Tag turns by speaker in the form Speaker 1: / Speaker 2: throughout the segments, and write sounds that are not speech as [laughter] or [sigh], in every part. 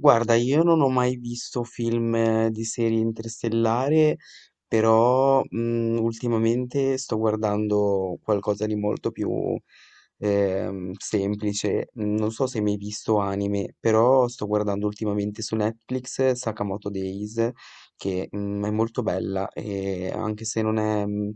Speaker 1: Guarda, io non ho mai visto film di serie interstellare, però ultimamente sto guardando qualcosa di molto più semplice. Mm. Non so se hai mai visto anime, però sto guardando ultimamente su Netflix Sakamoto Days, che è molto bella, e anche se non è,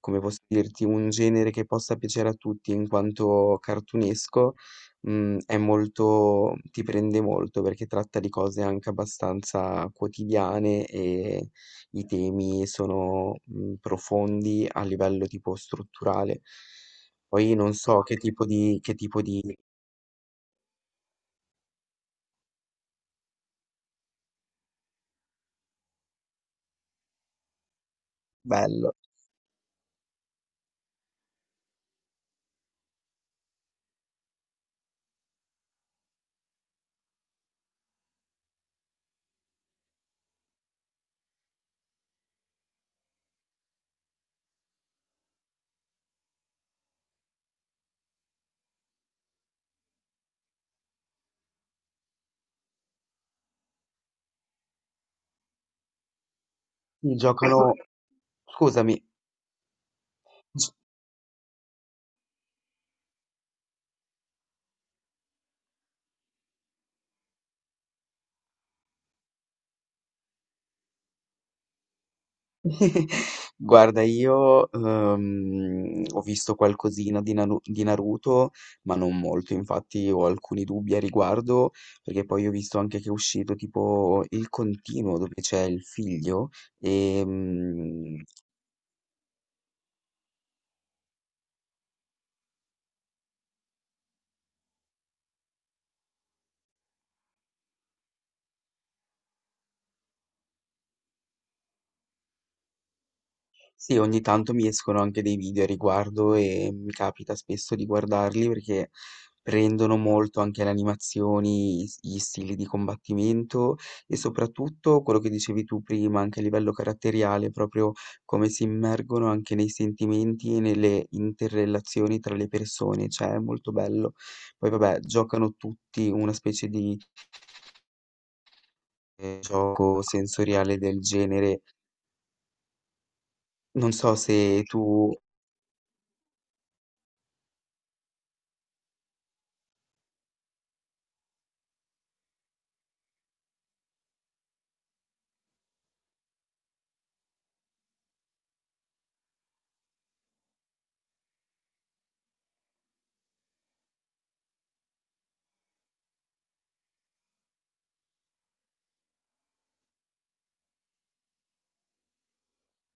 Speaker 1: come posso dirti, un genere che possa piacere a tutti in quanto cartunesco, mhmm, è molto, ti prende molto, perché tratta di cose anche abbastanza quotidiane e i temi sono, mhmm, profondi a livello tipo strutturale. Poi non so che tipo di bello. Sì, giocano, scusami. [laughs] Guarda, io, ho visto qualcosina di Naruto, ma non molto, infatti ho alcuni dubbi a riguardo, perché poi ho visto anche che è uscito tipo il continuo dove c'è il figlio, ehm Sì, ogni tanto mi escono anche dei video a riguardo e mi capita spesso di guardarli, perché prendono molto anche le animazioni, gli stili di combattimento, e soprattutto quello che dicevi tu prima, anche a livello caratteriale, proprio come si immergono anche nei sentimenti e nelle interrelazioni tra le persone, cioè è molto bello. Poi vabbè, giocano tutti una specie di gioco sensoriale del genere. Non so se tu...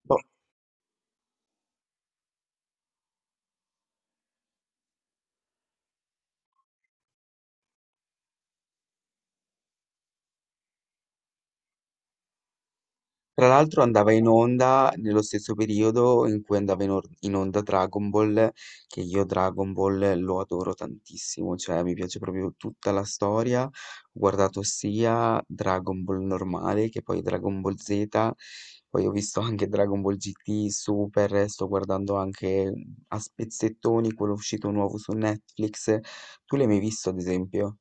Speaker 1: boh. Tra l'altro andava in onda nello stesso periodo in cui andava in onda Dragon Ball, che io Dragon Ball lo adoro tantissimo, cioè mi piace proprio tutta la storia. Ho guardato sia Dragon Ball normale che poi Dragon Ball Z, poi ho visto anche Dragon Ball GT, Super, sto guardando anche a spezzettoni quello uscito nuovo su Netflix. Tu l'hai mai visto, ad esempio?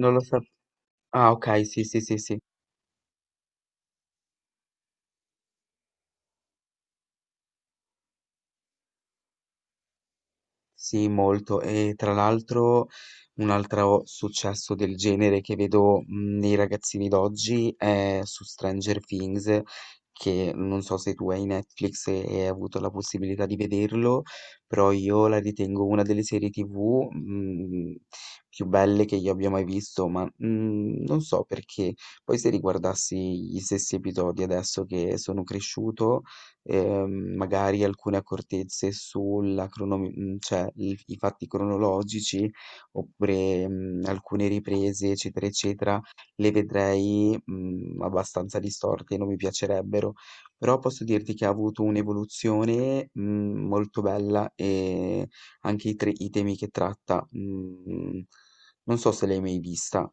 Speaker 1: Non lo so. Ah, ok, sì, sì, sì, sì. Sì, molto. E tra l'altro un altro successo del genere che vedo, nei ragazzini d'oggi è su Stranger Things, che non so se tu hai Netflix e hai avuto la possibilità di vederlo, però io la ritengo una delle serie TV, più belle che io abbia mai visto, ma, non so perché. Poi se riguardassi gli stessi episodi adesso che sono cresciuto, magari alcune accortezze sulla cronomi mhmm, cioè il i fatti cronologici, oppure, mhmm, alcune riprese, eccetera, eccetera, le vedrei, mhmm, abbastanza distorte, non mi piacerebbero. Però posso dirti che ha avuto un'evoluzione, mhmm, molto bella, e anche i temi che tratta, mhmm, non so se l'hai mai vista.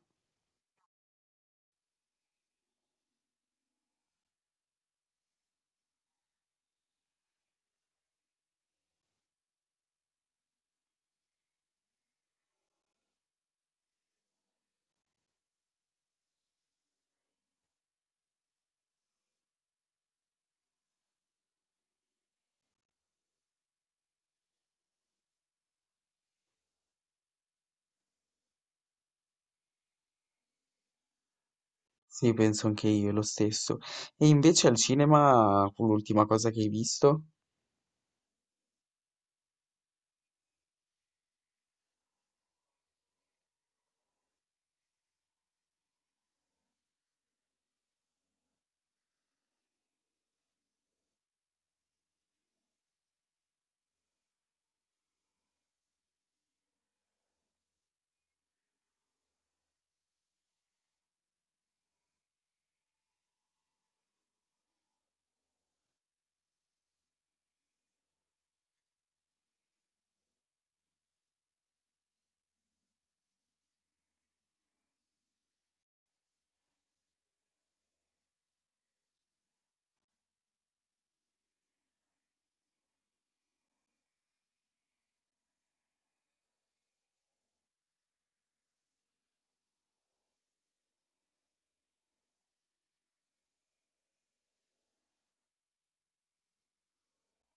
Speaker 1: Sì, penso anche io lo stesso. E invece al cinema fu l'ultima cosa che hai visto?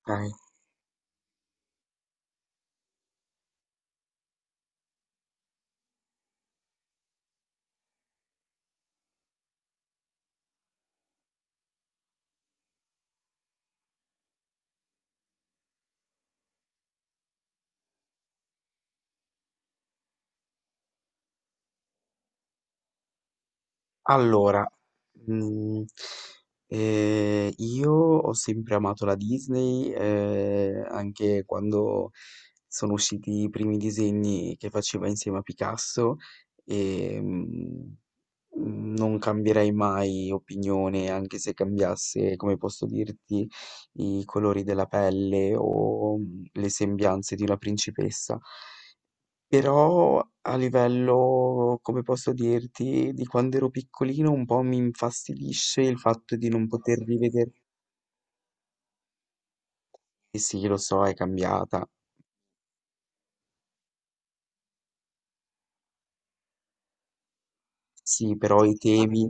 Speaker 1: Ah. Allora, mm, io ho sempre amato la Disney, anche quando sono usciti i primi disegni che faceva insieme a Picasso, e non cambierei mai opinione, anche se cambiasse, come posso dirti, i colori della pelle o, le sembianze di una principessa. Però a livello, come posso dirti, di quando ero piccolino, un po' mi infastidisce il fatto di non poter rivedere. Eh sì, lo so, è cambiata. Sì, però i ah, temi.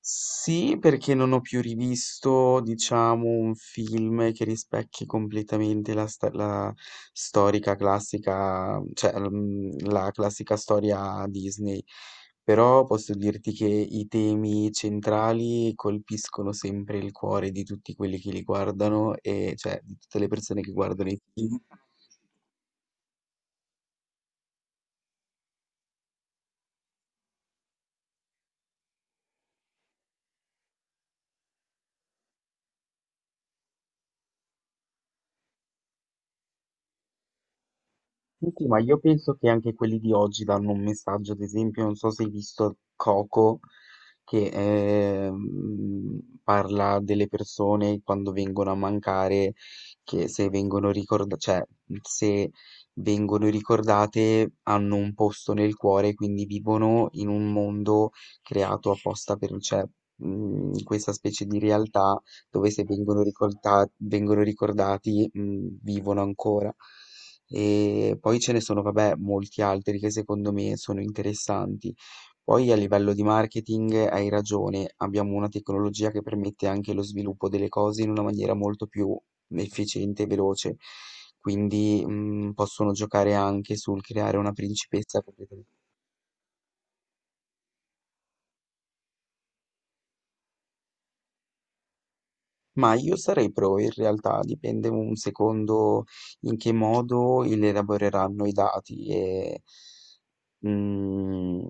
Speaker 1: Sì, perché non ho più rivisto, diciamo, un film che rispecchi completamente la storica classica, cioè, la classica storia Disney. Però posso dirti che i temi centrali colpiscono sempre il cuore di tutti quelli che li guardano, e cioè di tutte le persone che guardano i film. Senti, ma io penso che anche quelli di oggi danno un messaggio, ad esempio, non so se hai visto Coco, che parla delle persone quando vengono a mancare, che se vengono ricordate, cioè se vengono ricordate hanno un posto nel cuore, quindi vivono in un mondo creato apposta per, cioè, questa specie di realtà dove se vengono ricordati, vivono ancora. E poi ce ne sono, vabbè, molti altri che secondo me sono interessanti. Poi a livello di marketing hai ragione, abbiamo una tecnologia che permette anche lo sviluppo delle cose in una maniera molto più efficiente e veloce, quindi possono giocare anche sul creare una principessa proprietaria. Ma io sarei pro, in realtà dipende un secondo in che modo elaboreranno i dati e mhmm,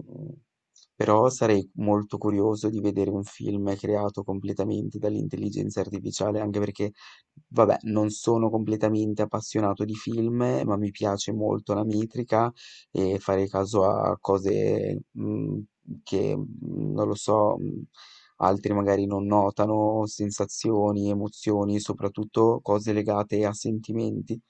Speaker 1: però sarei molto curioso di vedere un film creato completamente dall'intelligenza artificiale, anche perché, vabbè, non sono completamente appassionato di film, ma mi piace molto la metrica e fare caso a cose, mhmm, che, mhmm, non lo so, mhmm, altri magari non notano, sensazioni, emozioni, soprattutto cose legate a sentimenti.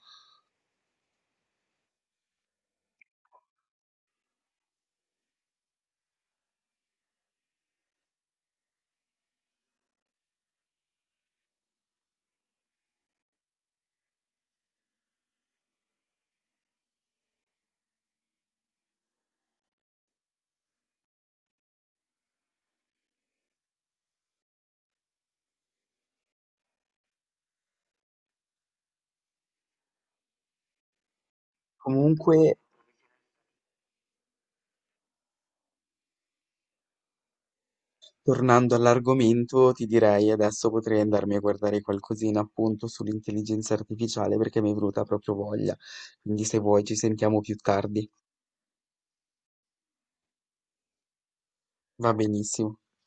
Speaker 1: Comunque, tornando all'argomento, ti direi adesso potrei andarmi a guardare qualcosina appunto sull'intelligenza artificiale, perché mi è venuta proprio voglia. Quindi se vuoi ci sentiamo più tardi. Va benissimo.